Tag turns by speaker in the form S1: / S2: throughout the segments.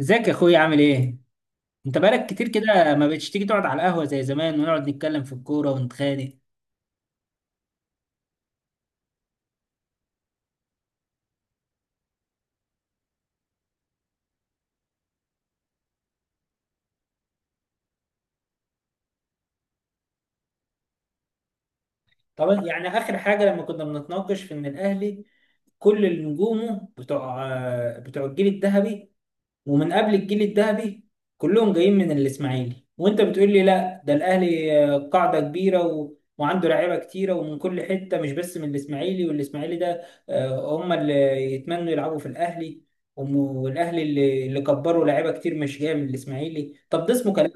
S1: ازيك يا اخويا عامل ايه؟ انت بقالك كتير كده ما بقتش تيجي تقعد على القهوة زي زمان ونقعد نتكلم في الكورة ونتخانق. طبعا يعني اخر حاجة لما كنا بنتناقش في ان الاهلي كل نجومه بتوع الجيل الذهبي ومن قبل الجيل الذهبي كلهم جايين من الاسماعيلي، وانت بتقول لي لا ده الاهلي قاعده كبيره وعنده لعيبه كتيره ومن كل حته مش بس من الاسماعيلي. والاسماعيلي ده هم اللي يتمنوا يلعبوا في الاهلي، والاهلي اللي كبروا لعيبه كتير مش جايه من الاسماعيلي. طب ده اسمه كلام؟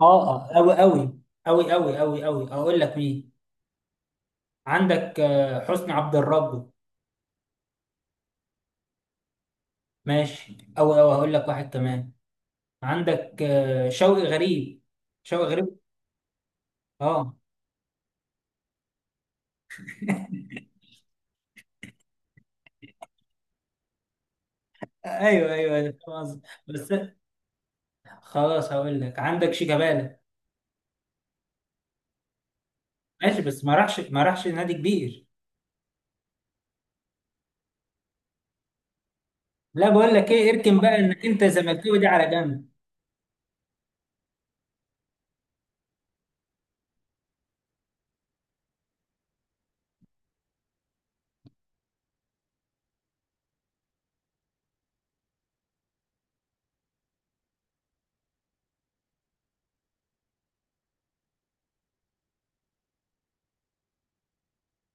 S1: اه اه قوي قوي قوي قوي قوي قوي، اقول لك مين. عندك حسني عبد الرب. ماشي قوي قوي، هقول لك واحد كمان. عندك شوقي غريب، شوقي غريب. اه ايوه ايوه أيوة، فاهم قصدك. بس خلاص هقول لك، عندك شيكابالا. ماشي، بس ما راحش نادي كبير. لا بقول لك ايه، اركن بقى انك انت زملكاوي دي على جنب.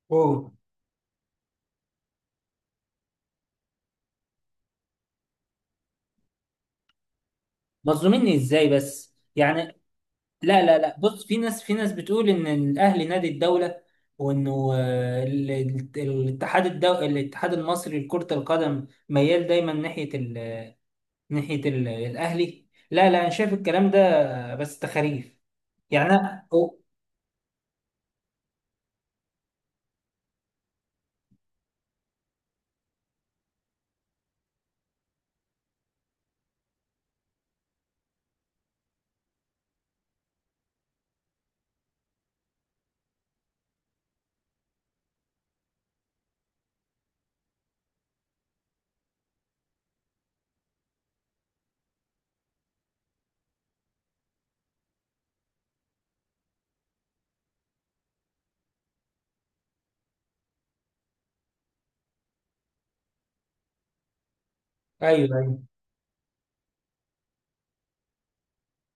S1: اوه، مظلوميني ازاي بس يعني؟ لا لا لا، بص، في ناس بتقول ان الاهلي نادي الدوله، وانه الاتحاد المصري لكرة القدم ميال دايما ناحية الاهلي. لا لا، انا شايف الكلام ده بس تخاريف يعني أو- ايوه أيوه.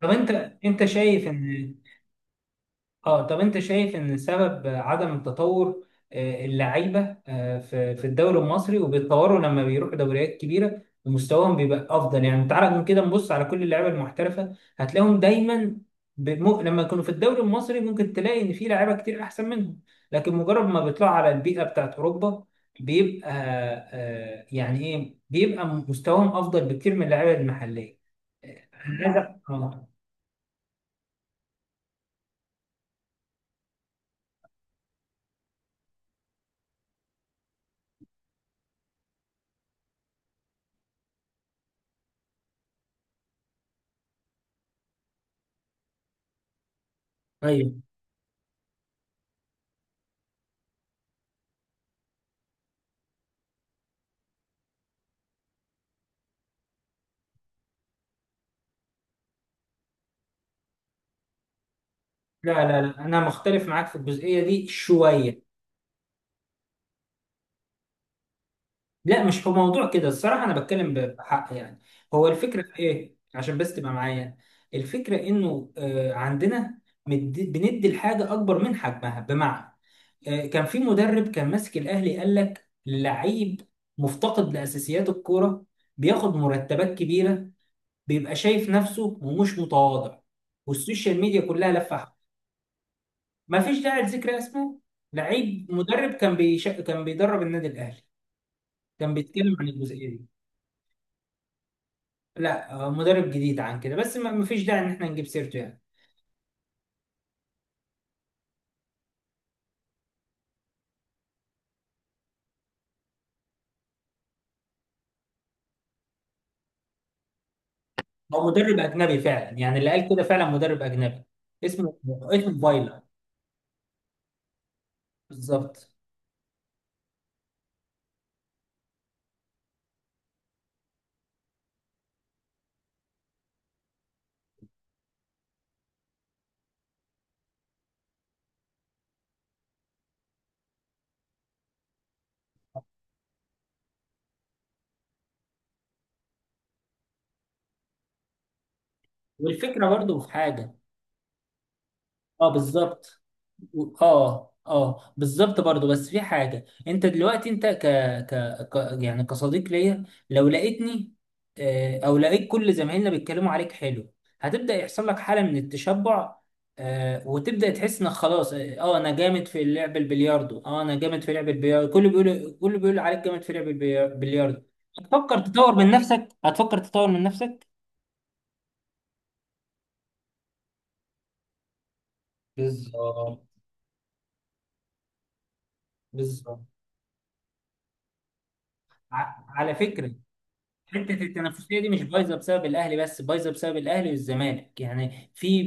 S1: طب انت انت شايف ان اه طب انت شايف ان سبب عدم التطور اللعيبه في الدوري المصري، وبيتطوروا لما بيروحوا دوريات كبيره ومستواهم بيبقى افضل. يعني تعالى من كده نبص على كل اللعيبه المحترفه، هتلاقيهم دايما لما يكونوا في الدوري المصري ممكن تلاقي ان في لعيبه كتير احسن منهم، لكن مجرد ما بيطلعوا على البيئه بتاعت اوروبا بيبقى آه، يعني ايه بيبقى مستواهم افضل بكتير من اللعيبه المحليه. أنا عايز ايوه. لا لا لا، انا مختلف معاك في الجزئيه دي شويه. لا مش في موضوع كده، الصراحه انا بتكلم بحق يعني. هو الفكره في ايه؟ عشان بس تبقى معايا، الفكره انه عندنا بندي الحاجه اكبر من حجمها. بمعنى كان في مدرب كان ماسك الاهلي قال لك لعيب مفتقد لاساسيات الكوره، بياخد مرتبات كبيره، بيبقى شايف نفسه ومش متواضع، والسوشيال ميديا كلها لفه. ما فيش داعي لذكر اسمه، لعيب مدرب كان بيدرب النادي الاهلي، كان بيتكلم عن الجزئيه دي. لا هو مدرب جديد عن كده، بس ما فيش داعي ان احنا نجيب سيرته يعني. هو مدرب اجنبي فعلا، يعني اللي قال كده فعلا مدرب اجنبي، اسمه فايلر. بالظبط. والفكره برضو في حاجه. اه بالظبط. اه اه بالظبط برضو، بس في حاجة. انت دلوقتي، انت يعني كصديق ليا، لو لقيتني او لقيت كل زمايلنا بيتكلموا عليك حلو، هتبدأ يحصل لك حالة من التشبع. وتبدأ تحس انك خلاص اه انا جامد في لعب البلياردو. كله بيقول عليك جامد في لعب البلياردو. هتفكر تطور من نفسك، هتفكر تطور من نفسك. بالظبط. بالظبط. على فكرة، حته التنافسيه دي مش بايظه بسبب الاهلي بس، بايظه بسبب الاهلي والزمالك. يعني في،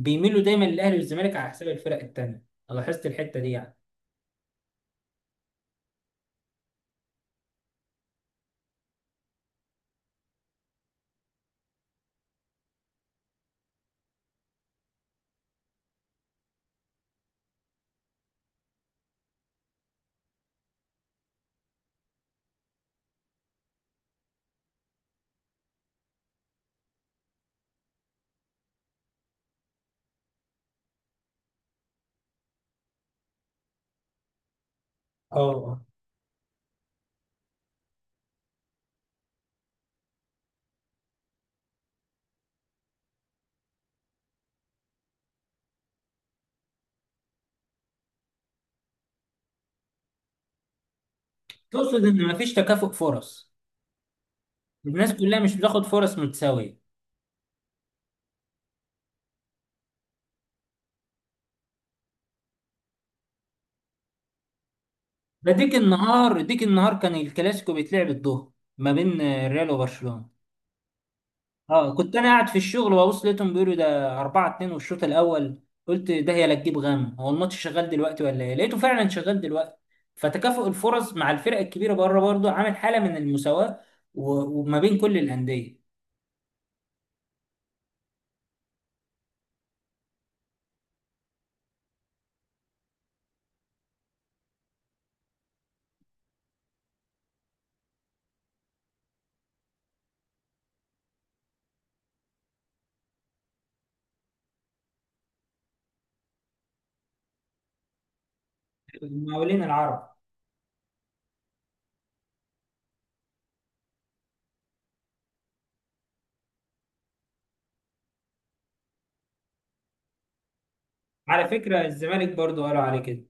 S1: بيميلوا دايما للاهلي والزمالك على حساب الفرق التانيه. أنا لاحظت الحته دي يعني. اه آه. تقصد ان مفيش تكافؤ فرص، الناس كلها مش بتاخد فرص متساويه. ده ديك النهار ديك النهار كان الكلاسيكو بيتلعب الظهر ما بين الريال وبرشلونه. اه كنت انا قاعد في الشغل وابص لقيتهم بيقولوا ده 4-2 والشوط الاول، قلت ده هي، لا تجيب غم، هو الماتش شغال دلوقتي ولا ايه؟ لقيته فعلا شغال دلوقتي. فتكافؤ الفرص مع الفرق الكبيره بره برضه عامل حاله من المساواه وما بين كل الانديه. المقاولين العرب. على فكره الزمالك برضه قالوا عليه كده.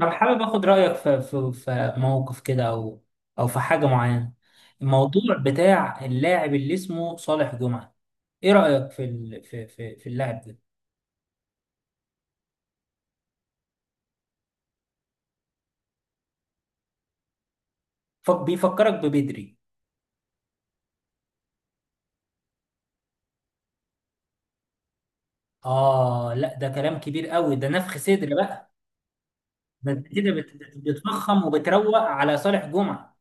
S1: انا حابب اخد رايك في موقف كده او في حاجه معينه. الموضوع بتاع اللاعب اللي اسمه صالح جمعه، ايه رايك في ال... في في, في اللاعب ده؟ بيفكرك ببدري. آه لا ده كلام كبير قوي، ده نفخ صدر بقى. ده انت كده بتفخم وبتروق على صالح جمعة.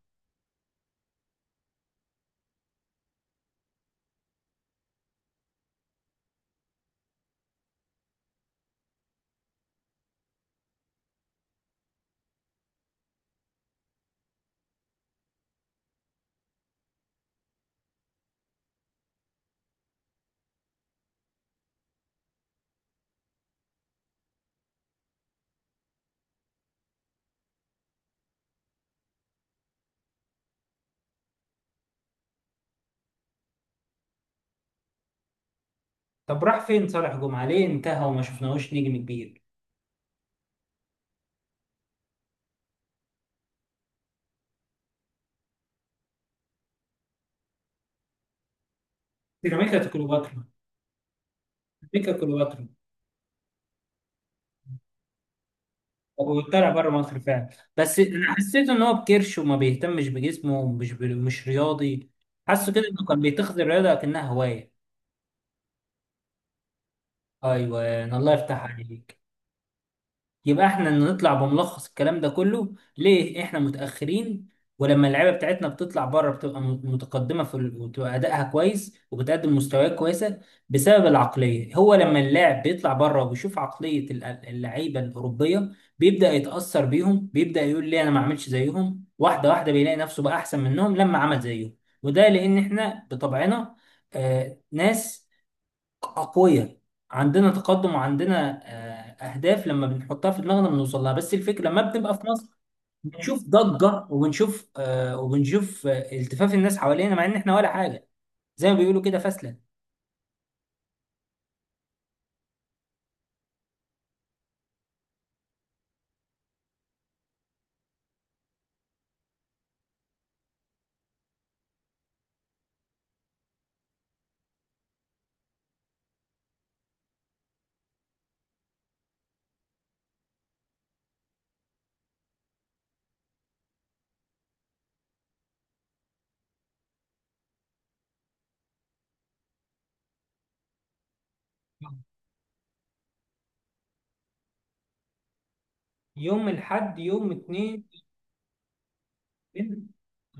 S1: طب راح فين صالح جمعة؟ ليه انتهى وما شفناهوش نجم كبير؟ سيراميكا كليوباترا، سيراميكا كليوباترا. هو طلع بره مصر فعلا، بس انا حسيت ان هو بكرش وما بيهتمش بجسمه ومش مش رياضي. حاسه كده انه كان بيتخذ الرياضة كأنها هواية. ايوه الله يفتح عليك. يبقى احنا نطلع بملخص الكلام ده كله، ليه احنا متأخرين، ولما اللعيبه بتاعتنا بتطلع بره بتبقى متقدمه وبتبقى ادائها كويس وبتقدم مستويات كويسه. بسبب العقليه، هو لما اللاعب بيطلع بره وبيشوف عقليه اللعيبه الاوروبيه بيبدأ يتأثر بيهم، بيبدأ يقول ليه انا ما اعملش زيهم، واحده واحده بيلاقي نفسه بقى احسن منهم لما عمل زيهم. وده لان احنا بطبعنا ناس أقوياء، عندنا تقدم وعندنا أهداف لما بنحطها في دماغنا بنوصل لها. بس الفكرة لما بنبقى في مصر بنشوف ضجة، وبنشوف التفاف الناس حوالينا مع إن إحنا ولا حاجة، زي ما بيقولوا كده فاسلة. يوم الحد، يوم اتنين.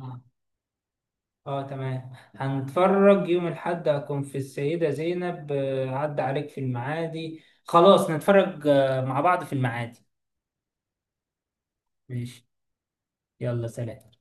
S1: اه تمام، هنتفرج يوم الحد. هكون في السيدة زينب عدى عليك في المعادي، خلاص نتفرج مع بعض في المعادي. ماشي. يلا سلام.